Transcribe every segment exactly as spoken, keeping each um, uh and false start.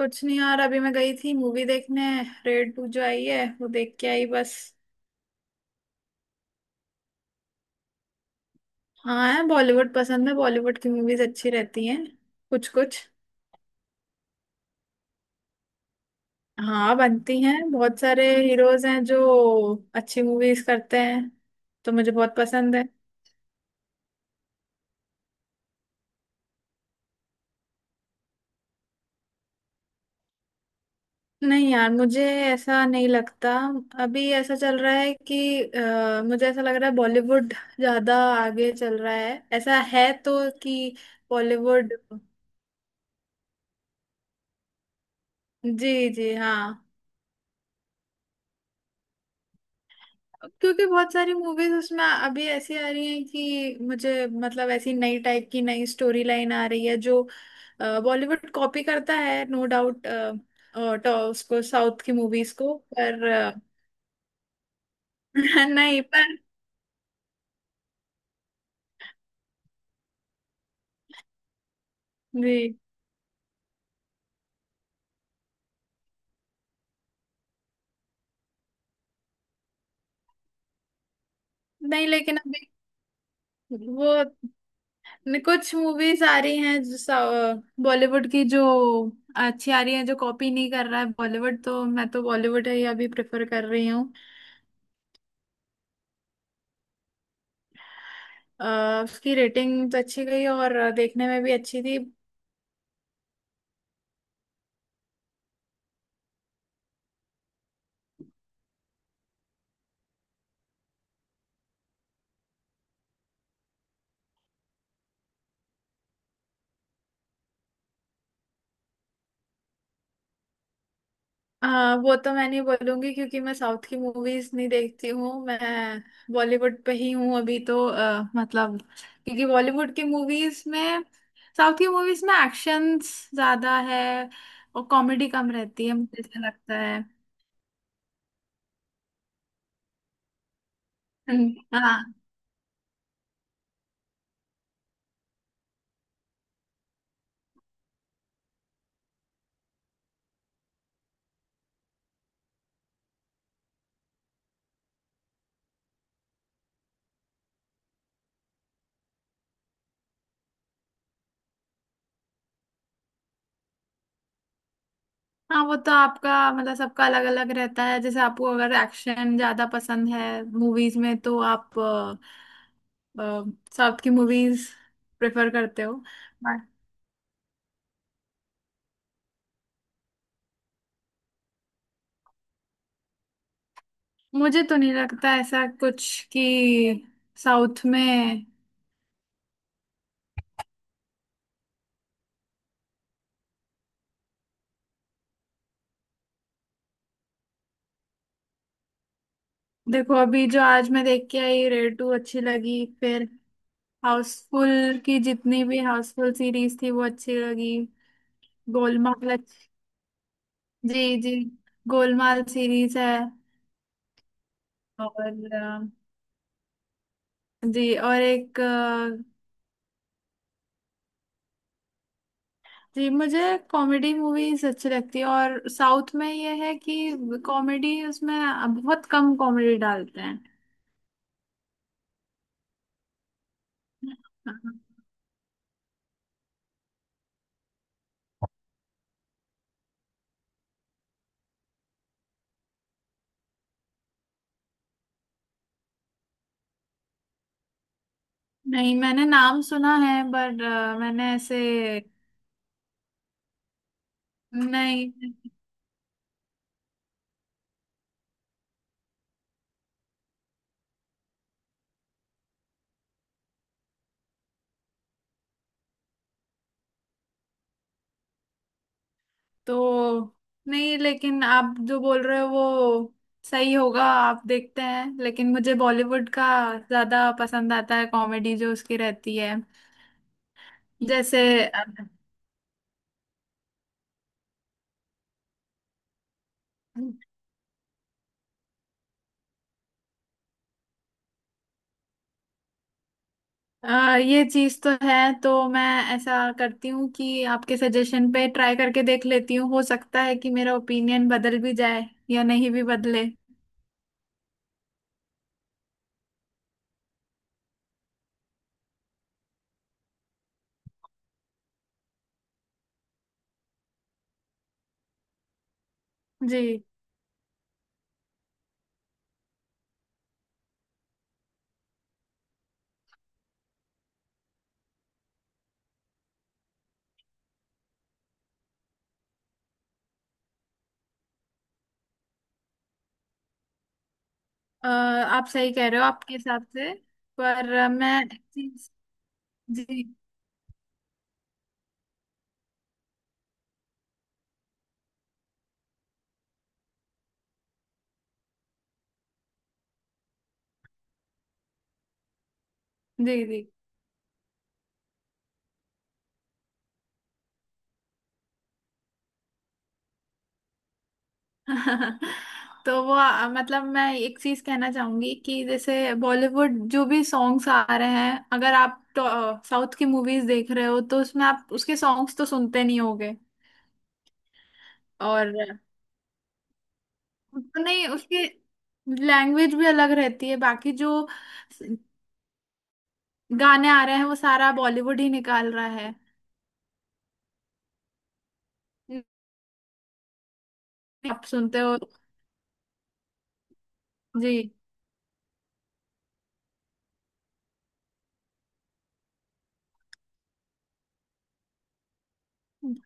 कुछ नहीं यार अभी मैं गई थी मूवी देखने। रेड टू जो आई है वो देख के आई बस। हाँ है बॉलीवुड पसंद है बॉलीवुड की मूवीज अच्छी रहती हैं। कुछ कुछ। हाँ बनती हैं बहुत सारे हीरोज हैं जो अच्छी मूवीज करते हैं तो मुझे बहुत पसंद है। नहीं यार मुझे ऐसा नहीं लगता। अभी ऐसा चल रहा है कि अ, मुझे ऐसा लग रहा है बॉलीवुड ज्यादा आगे चल रहा है ऐसा है तो कि बॉलीवुड। जी जी हाँ। क्योंकि बहुत सारी मूवीज उसमें अभी ऐसी आ रही हैं कि मुझे मतलब ऐसी नई टाइप की नई स्टोरी लाइन आ रही है जो बॉलीवुड कॉपी करता है नो डाउट। तो उसको साउथ की मूवीज को पर अ, नहीं पर। जी। नहीं लेकिन अभी वो न- कुछ मूवीज आ रही हैं जो बॉलीवुड की जो अच्छी आ रही हैं जो कॉपी नहीं कर रहा है बॉलीवुड तो मैं तो बॉलीवुड ही अभी प्रेफर कर रही हूँ। अ, उसकी रेटिंग तो अच्छी गई और देखने में भी अच्छी थी। अ, वो तो मैं नहीं बोलूंगी क्योंकि मैं साउथ की मूवीज नहीं देखती हूँ मैं बॉलीवुड पे ही हूँ अभी तो अ, मतलब। क्योंकि बॉलीवुड की मूवीज में साउथ की मूवीज में एक्शंस ज्यादा है और कॉमेडी कम रहती है मुझे ऐसा लगता है। हम्म। हाँ। हाँ वो तो आपका मतलब सबका अलग अलग रहता है जैसे आपको अगर एक्शन ज्यादा पसंद है मूवीज में तो आप साउथ की मूवीज प्रेफर करते हो। But मुझे तो नहीं लगता ऐसा कुछ कि साउथ में। देखो अभी जो आज मैं देख के आई रेड टू अच्छी लगी फिर। हाउसफुल की जितनी भी हाउसफुल सीरीज थी वो अच्छी लगी। गोलमाल अच्छी- जी जी। गोलमाल सीरीज है। और। जी और एक अ, जी मुझे कॉमेडी मूवीज अच्छी लगती है और साउथ में ये है कि कॉमेडी उसमें बहुत कम कॉमेडी डालते हैं। नहीं मैंने नाम सुना है बट मैंने ऐसे। नहीं। तो नहीं लेकिन आप जो बोल रहे हो वो सही होगा आप देखते हैं लेकिन मुझे बॉलीवुड का ज्यादा पसंद आता है कॉमेडी जो उसकी रहती है। जैसे। आ, ये चीज तो है। तो मैं ऐसा करती हूँ कि आपके सजेशन पे ट्राई करके देख लेती हूँ हो सकता है कि मेरा ओपिनियन बदल भी जाए या नहीं भी बदले। जी। आ, आप सही कह रहे हो आपके हिसाब से। पर आ, मैं एक चीज। जी जी। जी। तो वो आ, मतलब मैं एक चीज कहना चाहूंगी कि जैसे बॉलीवुड जो भी सॉन्ग्स आ रहे हैं अगर आप साउथ की मूवीज देख रहे हो तो उसमें आप उसके सॉन्ग्स तो सुनते नहीं होगे। और। तो नहीं उसकी लैंग्वेज भी अलग रहती है बाकी जो गाने आ रहे हैं वो सारा बॉलीवुड ही निकाल रहा है। आप सुनते हो। जी।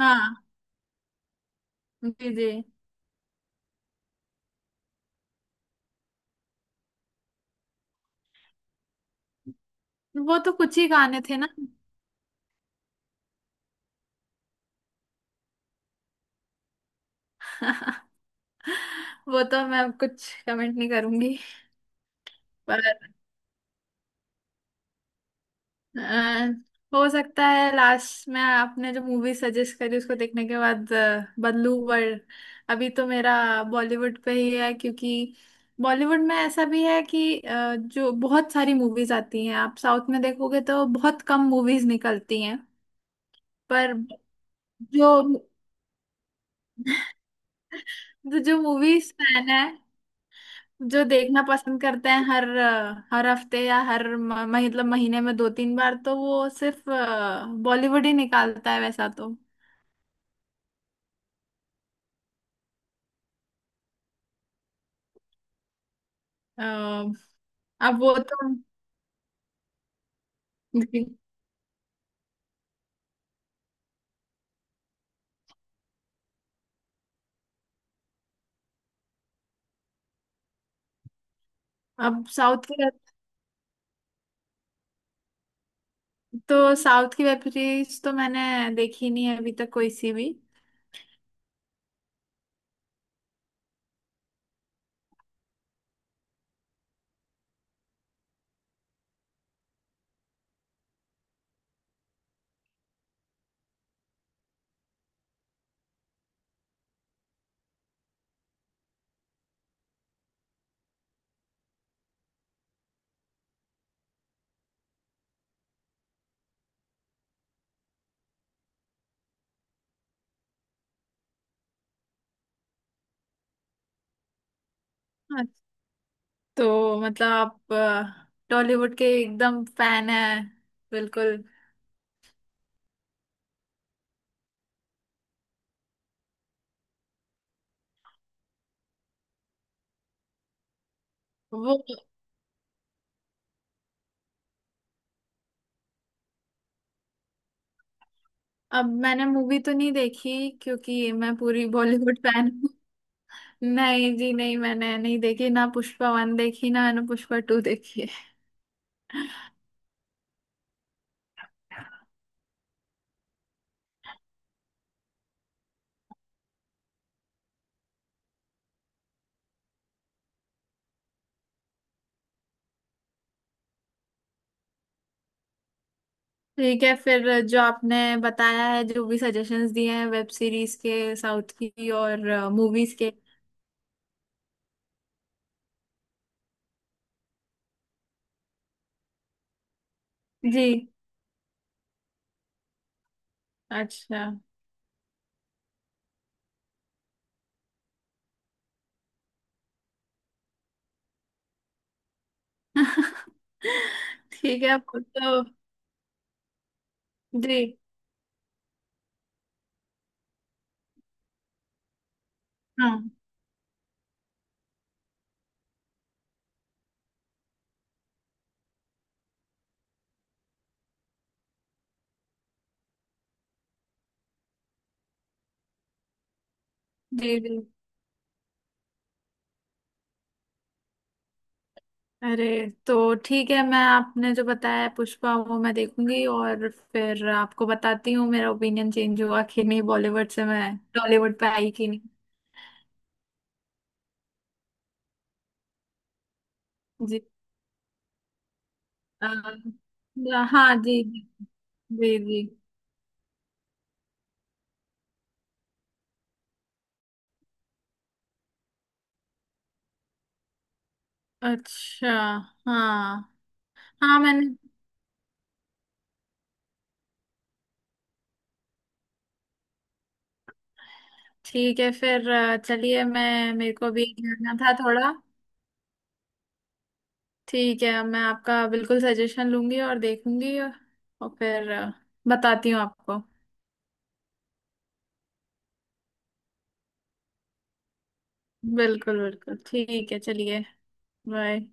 हाँ। जी जी। वो तो कुछ ही गाने थे ना। वो तो मैं कुछ कमेंट नहीं करूंगी। पर अ, हो सकता है लास्ट में आपने जो मूवी सजेस्ट करी उसको देखने के बाद अ, बदलू वर्ल्ड। अभी तो मेरा बॉलीवुड पे ही है क्योंकि बॉलीवुड में ऐसा भी है कि अ, जो बहुत सारी मूवीज आती हैं आप साउथ में देखोगे तो बहुत कम मूवीज निकलती हैं। पर जो जो मूवीज फैन है जो देखना पसंद करते हैं हर अ, हर हफ्ते या हर म- मतलब महीने में दो तीन बार तो वो सिर्फ बॉलीवुड ही निकालता है वैसा। तो अब वो तो। जी। अब साउथ की वेब- तो साउथ की वेब सीरीज तो मैंने देखी नहीं है अभी तक कोई सी भी। हाँ, तो मतलब आप अ, टॉलीवुड के एकदम फैन है। बिल्कुल। वो अब मैंने मूवी तो नहीं देखी क्योंकि मैं पूरी बॉलीवुड फैन हूँ। नहीं जी नहीं मैंने नहीं देखी ना पुष्पा वन देखी ना मैंने पुष्पा टू देखी है। ठीक है फिर जो आपने बताया है जो भी सजेशंस दिए हैं वेब सीरीज के साउथ की और मूवीज के। जी। अच्छा। ठीक है आपको तो। जी। हाँ जी जी। अरे। तो ठीक है मैं आपने जो बताया पुष्पा वो मैं देखूंगी और फिर आपको बताती हूँ मेरा ओपिनियन चेंज हुआ कि नहीं बॉलीवुड से मैं टॉलीवुड पे आई कि नहीं। जी आ, हाँ जी जी। जी जी। अच्छा। हाँ। हाँ मैंने। ठीक है फिर अ, चलिए मैं मेरे को भी जाना था थोड़ा। ठीक है मैं आपका बिल्कुल सजेशन लूंगी और देखूंगी। और और फिर अ, बताती हूँ आपको। बिल्कुल बिल्कुल ठीक है चलिए। बाय।